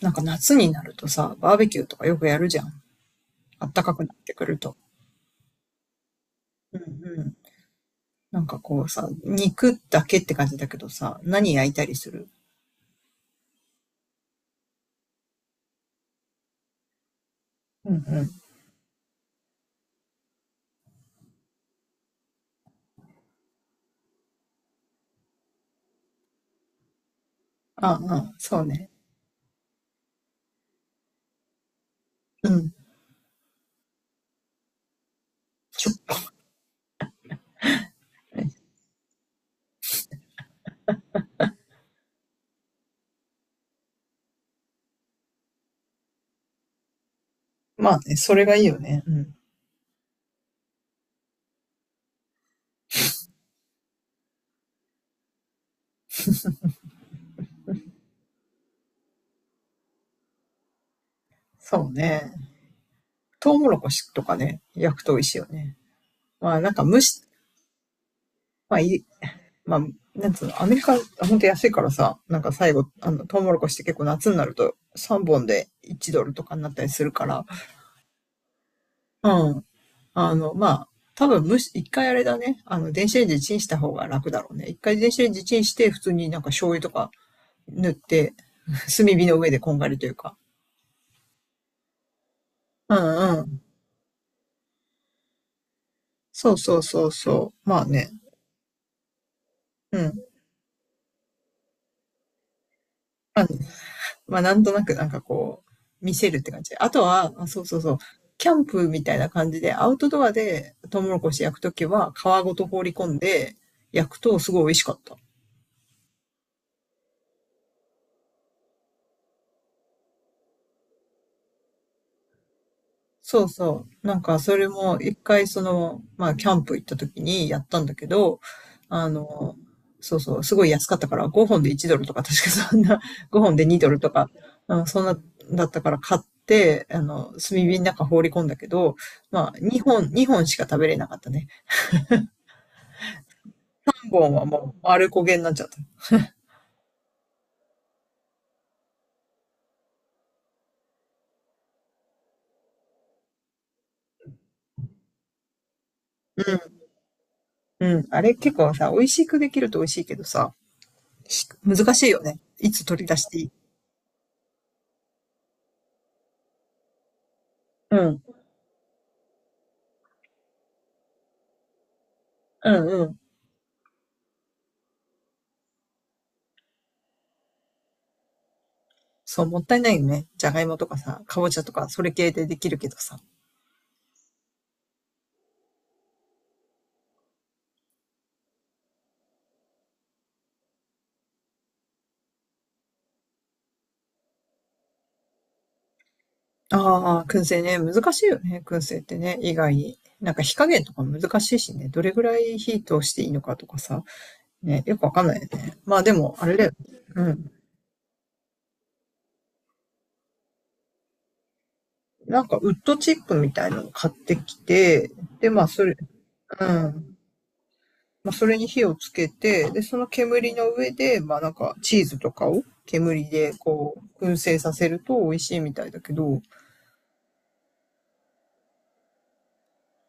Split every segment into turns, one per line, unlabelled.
なんか夏になるとさ、バーベキューとかよくやるじゃん。あったかくなってくると。うんうん。なんかこうさ、肉だけって感じだけどさ、何焼いたりする。うんうん。ああ、そうね。うん。まあね、それがいいよね。うん。そうね。トウモロコシとかね、焼くと美味しいよね。まあなんか蒸し、まあいい、まあ、なんつうの、アメリカ、ほんと安いからさ、なんか最後、トウモロコシって結構夏になると3本で1ドルとかになったりするから。うん。まあ、多分むし、一回あれだね。電子レンジでチンした方が楽だろうね。一回電子レンジチンして、普通になんか醤油とか塗って、炭火の上でこんがりというか。うんうん。そうそうそうそう。まあね。うん。まあ、まあ、なんとなくなんかこう、見せるって感じ。あとは、あそうそうそう。キャンプみたいな感じで、アウトドアでトウモロコシ焼くときは皮ごと放り込んで焼くとすごい美味しかった。そうそう。なんか、それも一回その、まあ、キャンプ行った時にやったんだけど、あの、そうそう、すごい安かったから、5本で1ドルとか、確かそんな、5本で2ドルとか、うん、そんな、だったから買って、炭火の中放り込んだけど、まあ、2本しか食べれなかったね。5本はもう、丸焦げになっちゃった。うん、うん。あれ結構さ、美味しくできると美味しいけどさ、し難しいよね。いつ取り出していい。うん、うん、うん。そう、もったいないよね。じゃがいもとかさ、かぼちゃとか、それ系でできるけどさ。ああ、燻製ね。難しいよね。燻製ってね。意外に。なんか火加減とか難しいしね。どれぐらい火通していいのかとかさ。ね、よくわかんないよね。まあでも、あれだよね。うん。なんかウッドチップみたいなの買ってきて、で、まあそれ、うん。まあそれに火をつけて、で、その煙の上で、まあなんかチーズとかを煙でこう、燻製させると美味しいみたいだけど、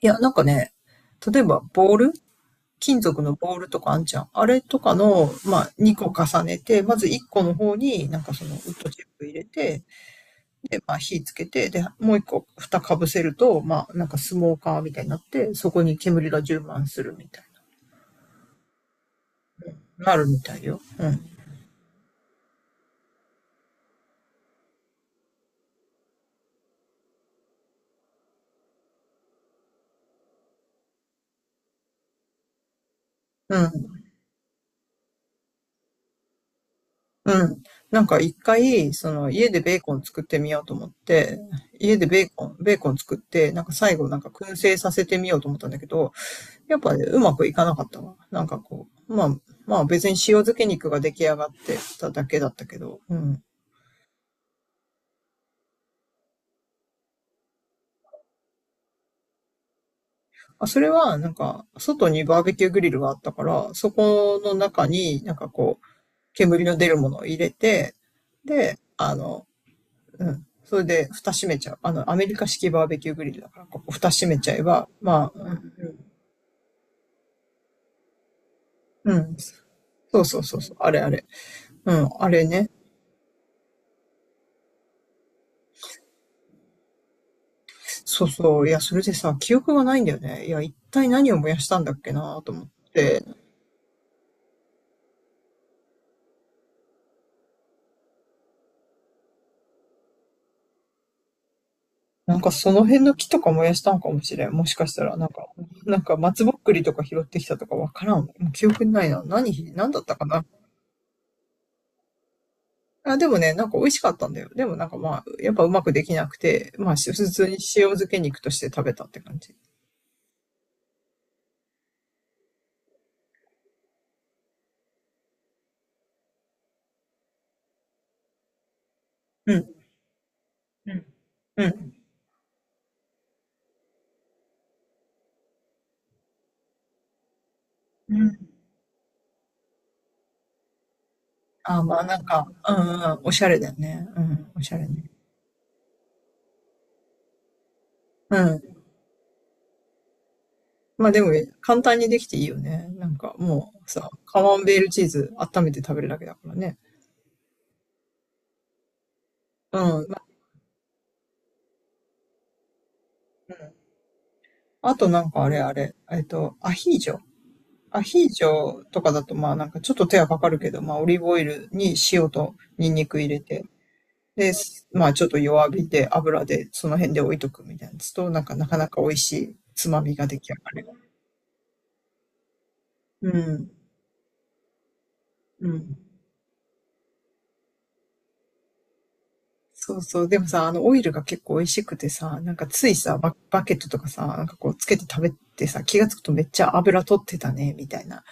いや、なんかね、例えばボール金属のボールとかあんじゃん。あれとかの、まあ、2個重ねて、まず1個の方になんかそのウッドチップ入れて、で、まあ、火つけて、で、もう1個蓋かぶせると、まあ、なんかスモーカーみたいになって、そこに煙が充満するみたいな、なるみたいよ。うん。うん。うん。なんか一回、その家でベーコン作ってみようと思って、家でベーコン、作って、なんか最後なんか燻製させてみようと思ったんだけど、やっぱね、うまくいかなかったわ。なんかこう、まあ、まあ別に塩漬け肉が出来上がってただけだったけど。うん。あそれは、なんか、外にバーベキューグリルがあったから、そこの中になんかこう、煙の出るものを入れて、で、うん。それで、蓋閉めちゃう。アメリカ式バーベキューグリルだから、ここ蓋閉めちゃえば、まあ。うんうん。そうそうそうそう。あれあれ。うん、あれね。そうそう。いや、それでさ、記憶がないんだよね。いや、一体何を燃やしたんだっけなと思って。なんかその辺の木とか燃やしたんかもしれん。もしかしたら、なんか、なんか松ぼっくりとか拾ってきたとかわからん。もう記憶にないな。何、何だったかな。あ、でもね、なんか美味しかったんだよ。でもなんかまあ、やっぱうまくできなくて、まあし普通に塩漬け肉として食べたって感じ。うん、うん、うん。うん。あ、まあなんか、うんうん、おしゃれだよね。うん、おしゃれね。うん。まあでも、簡単にできていいよね。なんかもうさ、カマンベールチーズ温めて食べるだけだからね。うん、まあうん、あとなんかあれあれ、アヒージョ。アヒージョとかだとまあなんかちょっと手はかかるけど、まあオリーブオイルに塩とニンニク入れて、で、まあちょっと弱火で油でその辺で置いとくみたいなやつと、なんかなかなか美味しいつまみが出来上がる。うん。うん。そうそう。でもさ、あのオイルが結構美味しくてさ、なんかついさ、バ、バケットとかさ、なんかこうつけて食べてさ、気がつくとめっちゃ油取ってたね、みたいな。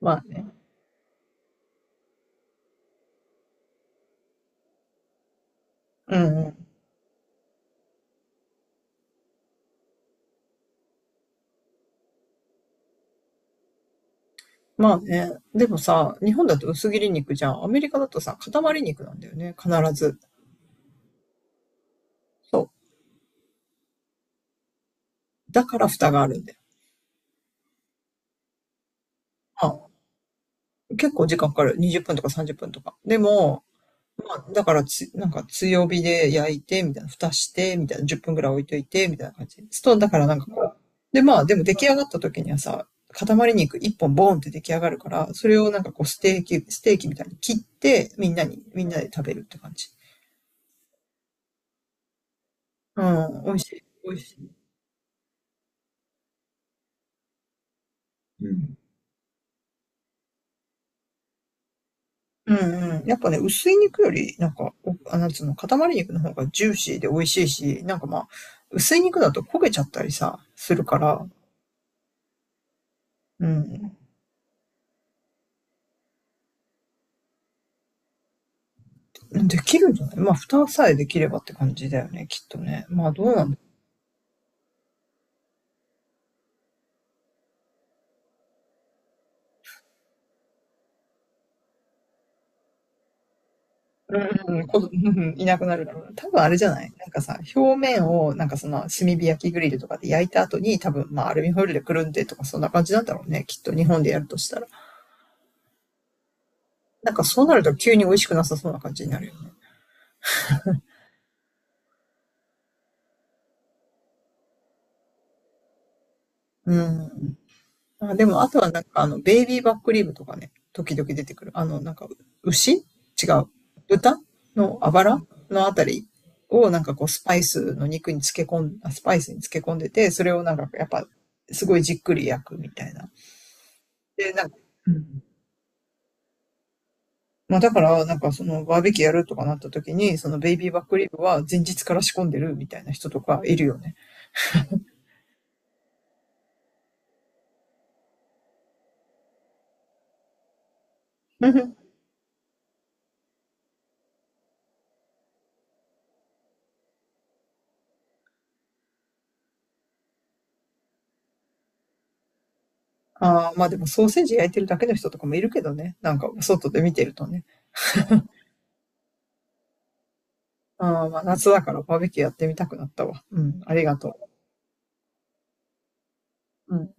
まあね。うんまあね、でもさ、日本だと薄切り肉じゃん。アメリカだとさ、塊肉なんだよね、必ず。そう。だから蓋があるんだよ。まあ、結構時間かかる。20分とか30分とか。でも、まあ、だからつ、なんか強火で焼いて、みたいな、蓋して、みたいな、10分ぐらい置いといて、みたいな感じ。そう、だからなんかこう。で、まあ、でも出来上がった時にはさ、塊肉1本ボーンって出来上がるから、それをなんかこうステーキみたいに切って、みんなに、みんなで食べるって感じ。うん、美味しい。美味しい。うん。うんうん。やっぱね、薄い肉より、なんか、なんつうの、塊肉の方がジューシーで美味しいし、なんかまあ、薄い肉だと焦げちゃったりさ、するから。うん。できるんじゃない。まあ、蓋さえできればって感じだよね、きっとね。まあ、どうなんだ。うんうん、うん、いなくなるだろうな。多分あれじゃないなんかさ、表面を、なんかその、炭火焼きグリルとかで焼いた後に、多分、まあ、アルミホイルでくるんでとか、そんな感じなんだろうね。きっと、日本でやるとしたら。なんか、そうなると急に美味しくなさそうな感じになるよね。うん。あ、でも、あとはなんか、ベイビーバックリブとかね、時々出てくる。なんか、牛違う。豚のあばらのあたりをなんかこう、スパイスに漬け込んでて、それをなんか、やっぱ、すごいじっくり焼くみたいな。で、なんか、うん、まあだから、なんかそのバーベキューやるとかなった時に、そのベイビーバックリブは前日から仕込んでるみたいな人とかいるよね。ああ、まあでもソーセージ焼いてるだけの人とかもいるけどね。なんか外で見てるとね。ああ、まあ、夏だからバーベキューやってみたくなったわ。うん、ありがとう。うん。